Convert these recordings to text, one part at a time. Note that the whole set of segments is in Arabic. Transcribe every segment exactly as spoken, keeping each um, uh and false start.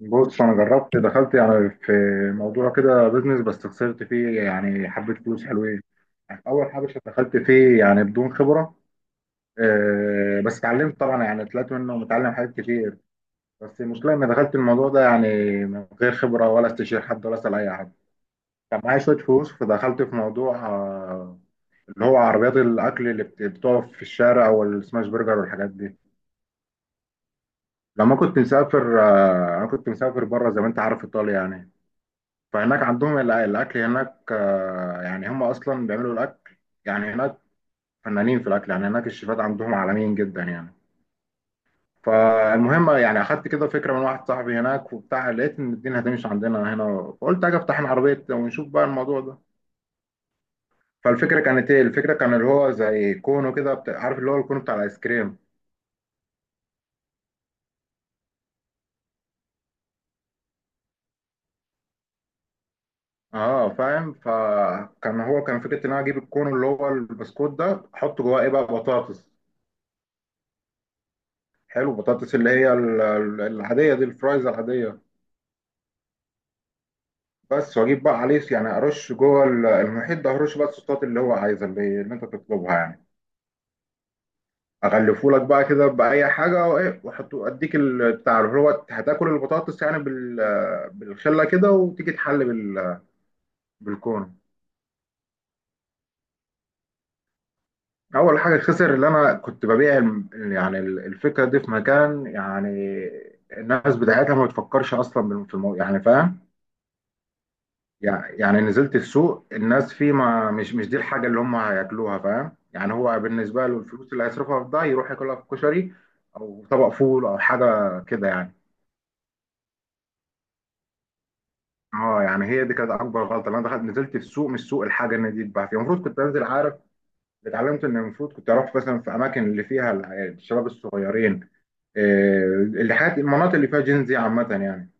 بص، انا جربت دخلت يعني في موضوع كده بيزنس، بس خسرت فيه يعني حبه فلوس حلوين. يعني اول حاجه دخلت فيه يعني بدون خبره. آه، بس اتعلمت طبعا، يعني طلعت منه متعلم حاجات كتير. بس المشكله اني دخلت الموضوع ده يعني من غير خبره ولا استشير حد ولا اسال اي حد. كان معايا شويه فلوس، فدخلت في موضوع، آه، اللي هو عربيات الاكل اللي بت- بتقف في الشارع، والسماش برجر والحاجات دي. لما كنت مسافر، آه، انا كنت مسافر بره زي ما انت عارف، ايطاليا يعني. فهناك عندهم الأ- الأكل هناك، آه، يعني هم أصلا بيعملوا الأكل يعني هناك، فنانين في الأكل. يعني هناك الشيفات عندهم عالميين جدا يعني. فالمهم يعني أخدت كده فكرة من واحد صاحبي هناك وبتاع، لقيت إن الدنيا هتمشي عندنا هنا، فقلت أجي أفتح أنا عربية ونشوف بقى الموضوع ده. فالفكرة كانت إيه؟ الفكرة كان اللي هو زي كونو كده، بتاع- عارف اللي هو الكونو بتاع الآيس كريم. اه، فاهم. فكان هو كان فكره ان انا اجيب الكون اللي هو البسكوت ده، احط جواه ايه بقى؟ بطاطس. حلو، بطاطس اللي هي ال- ال- العاديه دي، الفرايز العاديه. بس واجيب بقى عليه يعني ارش جوه ال- المحيط ده، ارش بقى الصوصات اللي هو عايزها، اللي, اللي انت تطلبها يعني. اغلفه لك بقى كده باي حاجه وايه، واحطه اديك ال- بتاع اللي هو هتاكل البطاطس يعني بال- بالخله كده، وتيجي تحل بال- بالكون. اول حاجه خسر، اللي انا كنت ببيع الم- يعني ال- الفكره دي في مكان، يعني الناس بتاعتها ما بتفكرش اصلا بالم- في الموضوع، يعني فاهم. يع- يعني نزلت السوق، الناس فيه ما مش مش دي الحاجة اللي هم هياكلوها، فاهم يعني. هو بالنسبة له الفلوس اللي هيصرفها في ده يروح ياكلها في كشري، أو طبق فول أو حاجة كده يعني. اه، يعني هي دي كانت أكبر غلطة، اللي أنا دخلت نزلت السوق، مش سوق الحاجة إن دي تتباع فيها، المفروض كنت أنزل، عارف. اتعلمت إن المفروض كنت أروح مثلا في أماكن اللي فيها الشباب الصغيرين، آه، اللي حاجات المناطق اللي فيها جينزي عامة يعني.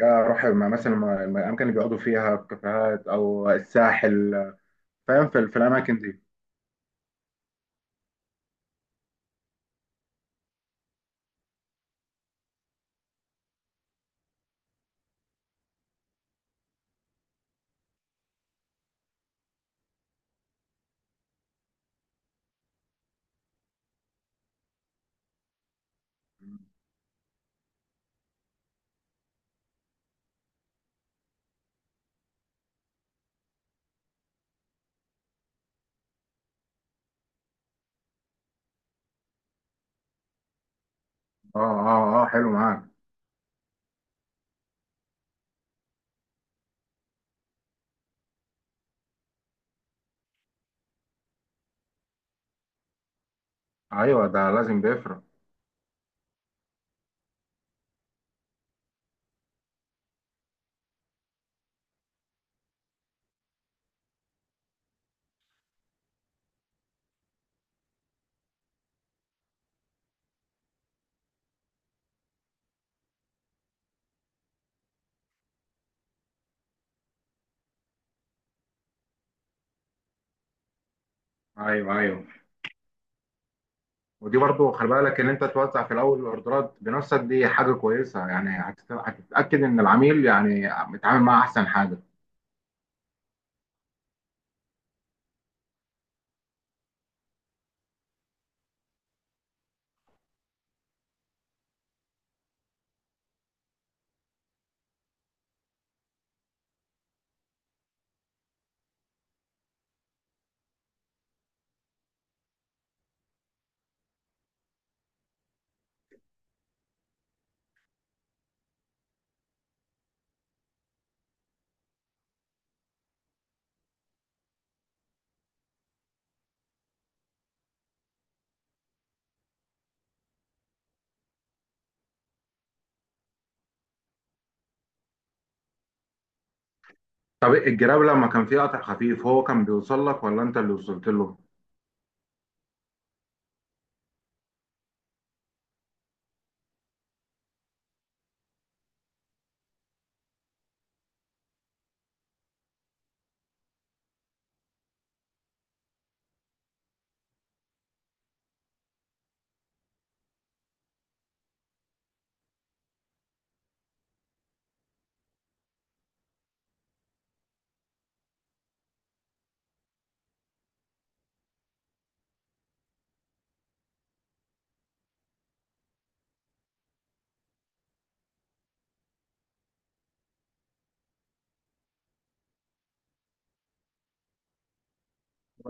يا أروح مع- مثلا الأماكن اللي بيقعدوا فيها في كافيهات أو الساحل، فاهم، في في الأماكن دي. اه اه اه، حلو معاك. ايوه، ده لازم بيفرق. ايوه ايوه، ودي برضو خلي بالك ان انت توزع في الاول الاوردرات بنفسك، دي حاجه كويسه يعني، هتت- هتتاكد ان العميل يعني متعامل معاه احسن حاجه. طب الجراب لما كان فيه قطع خفيف، هو كان بيوصل لك ولا انت اللي وصلت له؟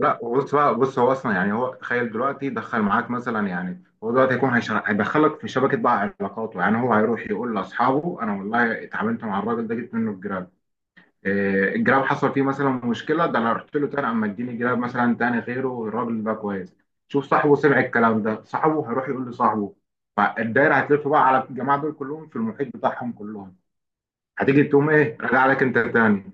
لا، بص بقى، بص، هو اصلا يعني، هو تخيل دلوقتي دخل معاك مثلا، يعني هو دلوقتي هيكون هيشر- هيدخلك في شبكه بقى علاقاته، يعني هو هيروح يقول لاصحابه انا والله اتعاملت مع الراجل ده، جبت منه الجراب. إيه، الجراب حصل فيه مثلا مشكله، ده انا رحت له تاني اما اديني جراب مثلا تاني غيره، الراجل ده كويس. شوف، صاحبه سمع الكلام ده، صاحبه هيروح يقول لصاحبه، فالدايره هتلف بقى على الجماعه دول كلهم، في المحيط بتاعهم كلهم. هتيجي تقوم ايه؟ راجع لك انت تاني.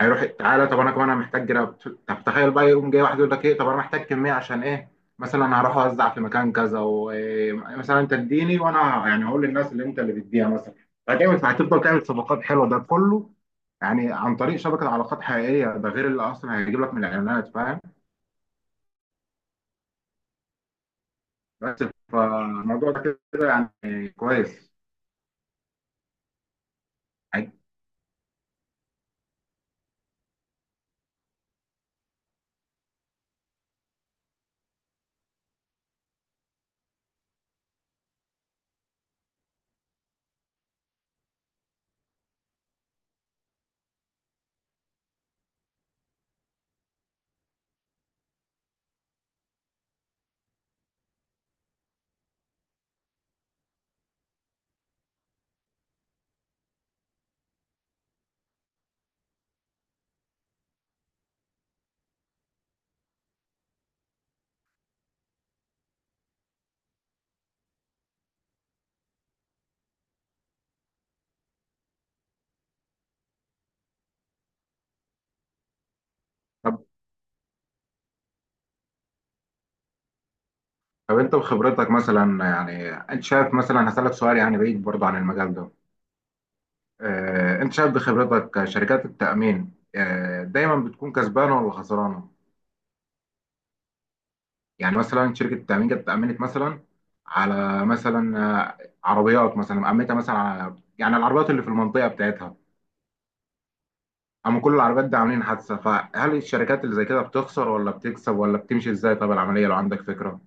هيروح تعالى طب انا كمان انا محتاج جراب. طب تخيل بقى يقوم جاي واحد يقول لك ايه، طب انا محتاج كميه، عشان ايه؟ مثلا هروح اوزع في مكان كذا، ومثلا انت اديني وانا يعني هقول للناس اللي انت اللي بتديها مثلا. فهتعمل، فهتفضل تعمل صفقات حلوه ده كله، يعني عن طريق شبكه علاقات حقيقيه، ده غير اللي اصلا هيجيب لك من الاعلانات، فاهم. بس فالموضوع ده كده يعني كويس. طب طب انت بخبرتك مثلا، يعني انت شايف مثلا، هسألك سؤال يعني بعيد برضه عن المجال ده، آه، انت شايف بخبرتك شركات التأمين، آه، دايما بتكون كسبانة ولا خسرانة؟ يعني مثلا شركة التأمين جت أمنت مثلا على مثلا، آه، عربيات مثلا، أمنتها مثلا على يعني العربيات اللي في المنطقة بتاعتها. أما كل العربيات دي عاملين حادثة، فهل الشركات اللي زي كده بتخسر ولا بتكسب، ولا بتمشي ازاي طب العملية، لو عندك فكرة؟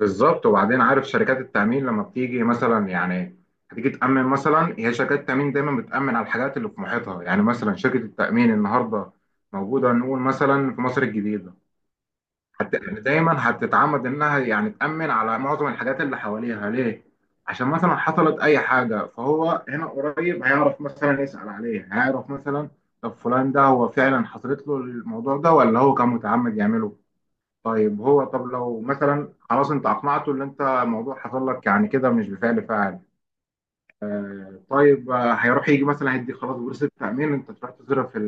بالظبط. وبعدين، عارف شركات التأمين لما بتيجي مثلا، يعني هتيجي تأمن مثلا، هي شركات التأمين دايما بتأمن على الحاجات اللي في محيطها، يعني مثلا شركة التأمين النهاردة موجودة نقول مثلا في مصر الجديدة، حت... يعني دايما هتتعمد إنها يعني تأمن على معظم الحاجات اللي حواليها. ليه؟ عشان مثلا حصلت أي حاجة فهو هنا قريب هيعرف مثلا يسأل عليها، هيعرف مثلا طب فلان ده هو فعلا حصلت له الموضوع ده، ولا هو كان متعمد يعمله. طيب هو، طب لو مثلا خلاص انت اقنعته ان انت الموضوع حصل لك يعني كده مش بفعل فاعل، طيب، آه، هيروح يجي مثلا هيدي خلاص بورصه التامين، انت تروح تصرف في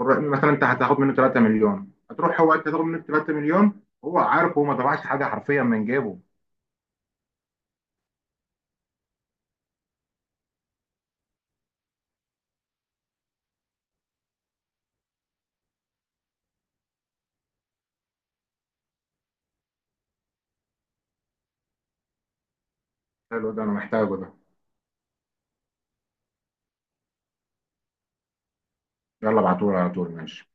القر- مثلا، انت هتاخد منه ثلاثة مليون، هتروح هو انت تاخد منه ثلاثة مليون، هو عارف هو ما طبعش حاجه حرفيا من جيبه. حلو، ده انا محتاجه ده. يلا ابعتهولي على طول، ماشي.